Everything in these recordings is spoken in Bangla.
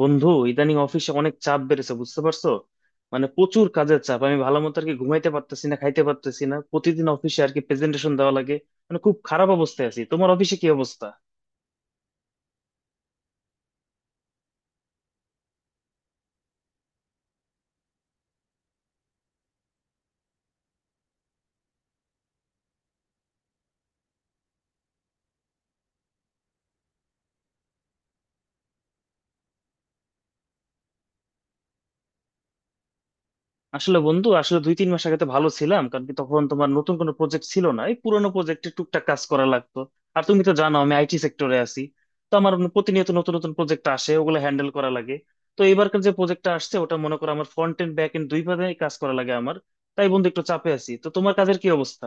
বন্ধু, ইদানিং অফিসে অনেক চাপ বেড়েছে, বুঝতে পারছো? মানে, প্রচুর কাজের চাপ। আমি ভালো মতো আর কি ঘুমাইতে পারতেছি না, খাইতে পারতেছি না। প্রতিদিন অফিসে আর কি প্রেজেন্টেশন দেওয়া লাগে। মানে, খুব খারাপ অবস্থায় আছি। তোমার অফিসে কি অবস্থা? আসলে বন্ধু, আসলে দুই তিন মাস আগে তো ভালো ছিলাম। কারণ কি, তখন তোমার নতুন কোনো প্রজেক্ট ছিল না, এই পুরোনো প্রজেক্টে টুকটাক কাজ করা লাগতো। আর তুমি তো জানো আমি আইটি সেক্টরে আছি। তো আমার প্রতিনিয়ত নতুন নতুন প্রজেক্ট আসে, ওগুলো হ্যান্ডেল করা লাগে। তো এবারকার যে প্রজেক্টটা আসছে ওটা মনে করো আমার ফ্রন্ট এন্ড ব্যাক এন্ড দুই ভাবে কাজ করা লাগে আমার। তাই বন্ধু একটু চাপে আছি। তো তোমার কাজের কি অবস্থা?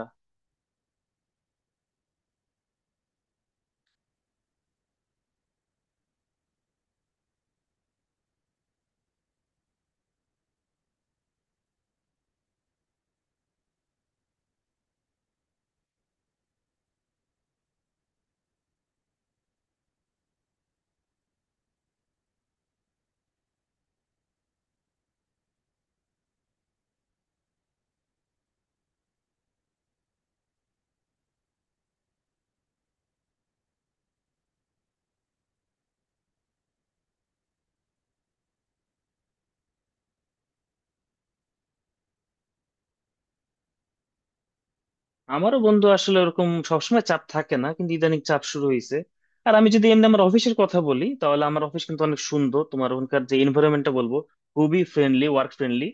আমারও বন্ধু আসলে ওরকম সবসময় চাপ থাকে না, কিন্তু ইদানিং চাপ শুরু হয়েছে। আর আমি যদি এমনি আমার অফিসের কথা বলি, তাহলে আমার অফিস কিন্তু অনেক সুন্দর। তোমার ওখানকার যে এনভায়রনমেন্টটা, বলবো খুবই ফ্রেন্ডলি, ওয়ার্ক ফ্রেন্ডলি।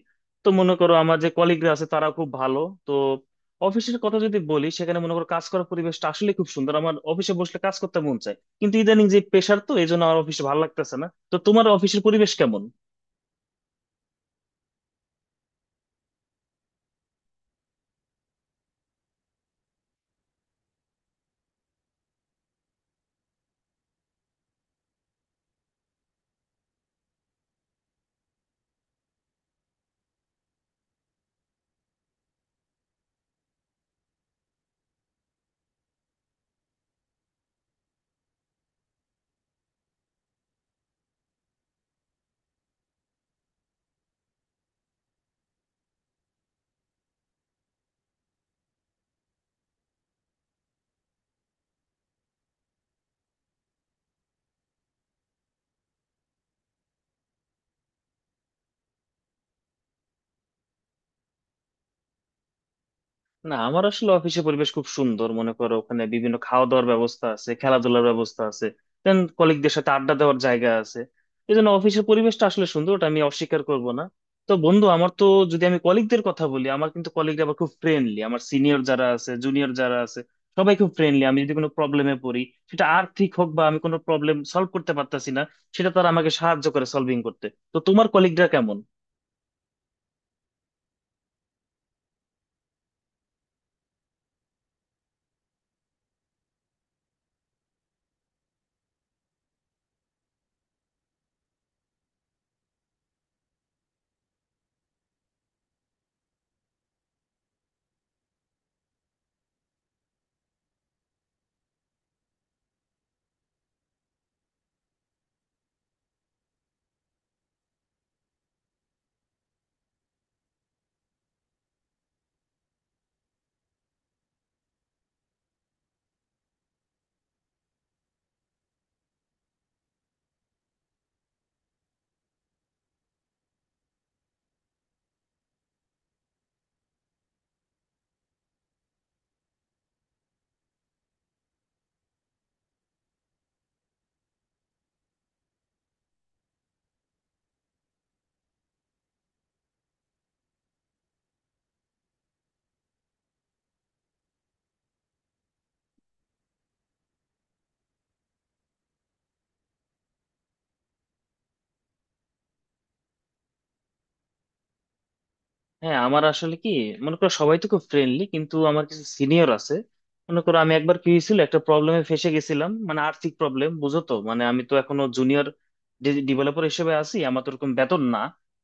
তো মনে করো আমার যে কলিগরা আছে তারা খুব ভালো। তো অফিসের কথা যদি বলি, সেখানে মনে করো কাজ করার পরিবেশটা আসলে খুব সুন্দর। আমার অফিসে বসলে কাজ করতে মন চায়, কিন্তু ইদানিং যে প্রেশার, তো এই জন্য আমার অফিসে ভালো লাগতেছে না। তো তোমার অফিসের পরিবেশ কেমন? না, আমার আসলে অফিসে পরিবেশ খুব সুন্দর। মনে করো ওখানে বিভিন্ন খাওয়া দাওয়ার ব্যবস্থা আছে, খেলাধুলার ব্যবস্থা আছে। দেন কলিগদের সাথে আড্ডা দেওয়ার জায়গা আছে। এই জন্য অফিসের পরিবেশটা আসলে সুন্দর, ওটা আমি অস্বীকার করব না। তো বন্ধু আমার তো, যদি আমি কলিগদের কথা বলি, আমার কিন্তু কলিগরা আবার খুব ফ্রেন্ডলি। আমার সিনিয়র যারা আছে, জুনিয়র যারা আছে, সবাই খুব ফ্রেন্ডলি। আমি যদি কোনো প্রবলেমে পড়ি, সেটা আর্থিক হোক বা আমি কোনো প্রবলেম সলভ করতে পারতাছি না, সেটা তারা আমাকে সাহায্য করে সলভিং করতে। তো তোমার কলিগরা কেমন? হ্যাঁ, আমার আসলে কি, মনে করো সবাই তো খুব ফ্রেন্ডলি, কিন্তু আমার কিছু সিনিয়র আছে। মনে করো আমি একবার কি হয়েছিল, একটা প্রবলেমে ফেসে গেছিলাম। মানে আর্থিক প্রবলেম, বুঝো তো। মানে আমি তো এখনো জুনিয়র ডেভেলপার হিসেবে আছি, আমার তো ওরকম বেতন না।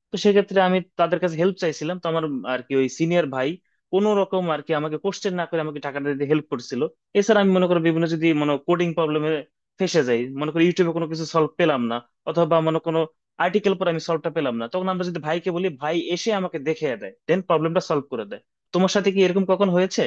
তো সেক্ষেত্রে আমি তাদের কাছে হেল্প চাইছিলাম। তো আমার আর কি ওই সিনিয়র ভাই কোনো রকম আর কি আমাকে কোশ্চেন না করে আমাকে টাকাটা দিতে হেল্প করছিল। এছাড়া আমি মনে করো বিভিন্ন যদি মনে কোডিং প্রবলেমে ফেসে যাই, মনে করো ইউটিউবে কোনো কিছু সলভ পেলাম না অথবা মনে কোনো আর্টিকেল পর আমি সলভটা পেলাম না, তখন আমরা যদি ভাইকে বলি, ভাই এসে আমাকে দেখে দেয়, দেন প্রবলেমটা সলভ করে দেয়। তোমার সাথে কি এরকম কখন হয়েছে?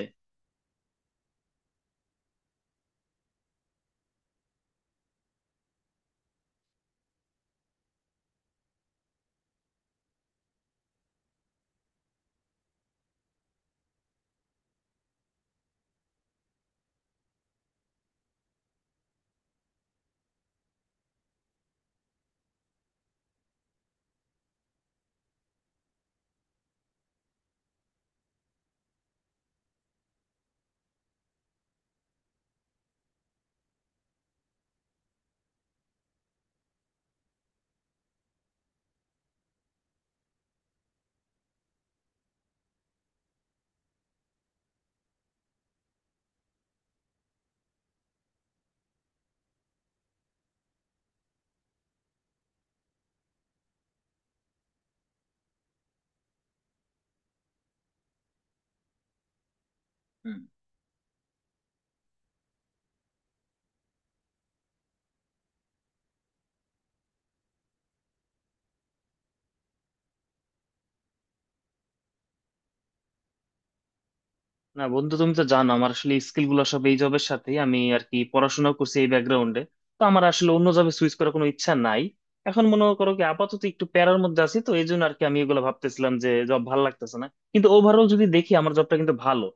না বন্ধু, তুমি তো জানো আমার আসলে স্কিল গুলো সব এই জবের সাথেই, আমি আর কি পড়াশোনা করছি এই ব্যাকগ্রাউন্ডে। তো আমার আসলে অন্য জবে সুইচ করার কোনো ইচ্ছা নাই। এখন মনে করো কি আপাতত একটু প্যারার মধ্যে আছি, তো এই জন্য আর কি আমি এগুলো ভাবতেছিলাম যে জব ভালো লাগতেছে না। কিন্তু ওভারঅল যদি দেখি আমার জবটা কিন্তু ভালো।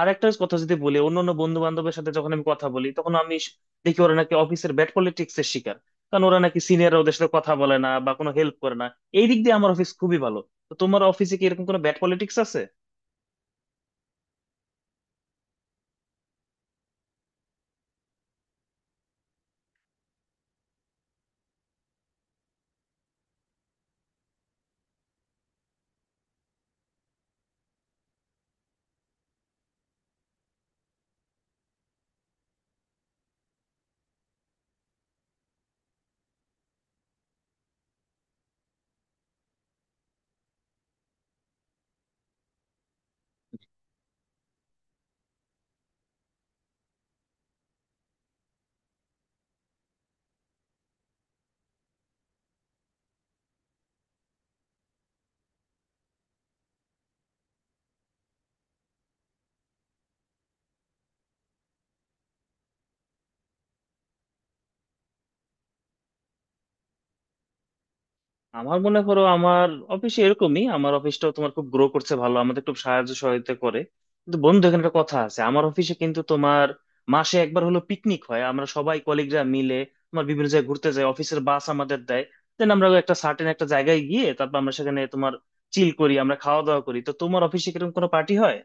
আর একটা কথা যদি বলি, অন্য অন্য বন্ধু বান্ধবের সাথে যখন আমি কথা বলি, তখন আমি দেখি ওরা নাকি অফিসের ব্যাড পলিটিক্স এর শিকার। কারণ ওরা নাকি সিনিয়ররা ওদের সাথে কথা বলে না বা কোনো হেল্প করে না। এই দিক দিয়ে আমার অফিস খুবই ভালো। তো তোমার অফিসে কি এরকম কোনো ব্যাড পলিটিক্স আছে? আমার মনে করো আমার অফিসে এরকমই, আমার অফিসটাও তোমার খুব গ্রো করছে, ভালো আমাদের খুব সাহায্য সহযোগিতা করে। কিন্তু বন্ধু এখানে একটা কথা আছে, আমার অফিসে কিন্তু তোমার মাসে একবার হলো পিকনিক হয়, আমরা সবাই কলিগরা মিলে তোমার বিভিন্ন জায়গায় ঘুরতে যাই। অফিসের বাস আমাদের দেয়, দেন আমরা একটা সার্টেন একটা জায়গায় গিয়ে তারপর আমরা সেখানে তোমার চিল করি, আমরা খাওয়া দাওয়া করি। তো তোমার অফিসে কিরকম কোনো পার্টি হয়?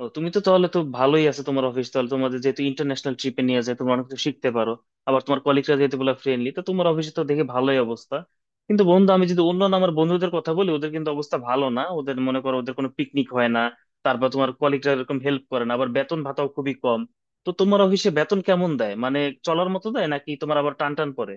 ও, তুমি তো তাহলে তো ভালোই আছে, তোমার অফিস তাহলে। তোমাদের যেহেতু ইন্টারন্যাশনাল ট্রিপে নিয়ে যায়, তোমরা অনেক কিছু শিখতে পারো। আবার তোমার কলিগরা যেহেতু বলে ফ্রেন্ডলি, তো তোমার অফিসে তো দেখে ভালোই অবস্থা। কিন্তু বন্ধু আমি যদি অন্য আমার বন্ধুদের কথা বলি, ওদের কিন্তু অবস্থা ভালো না। ওদের মনে করো ওদের কোনো পিকনিক হয় না। তারপর তোমার কলিগরা এরকম হেল্প করে না, আবার বেতন ভাতাও খুবই কম। তো তোমার অফিসে বেতন কেমন দেয়, মানে চলার মতো দেয় নাকি তোমার আবার টান টান পড়ে?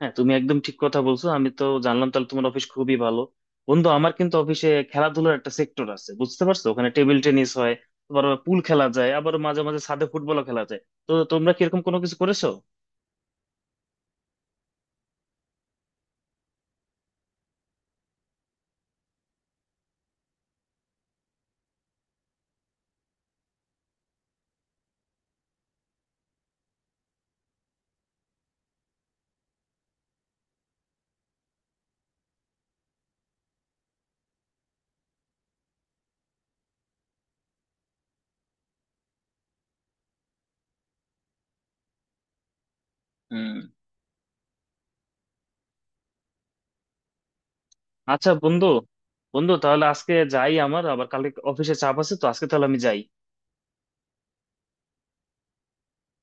হ্যাঁ, তুমি একদম ঠিক কথা বলছো। আমি তো জানলাম তাহলে তোমার অফিস খুবই ভালো। বন্ধু আমার কিন্তু অফিসে খেলাধুলার একটা সেক্টর আছে, বুঝতে পারছো, ওখানে টেবিল টেনিস হয়, আবার পুল খেলা যায়, আবার মাঝে মাঝে ছাদে ফুটবলও খেলা যায়। তো তোমরা কি এরকম কোনো কিছু করেছো? হুম। আচ্ছা বন্ধু, বন্ধু তাহলে আজকে যাই, আমার আবার কালকে অফিসে চাপ আছে, তো আজকে তাহলে আমি যাই।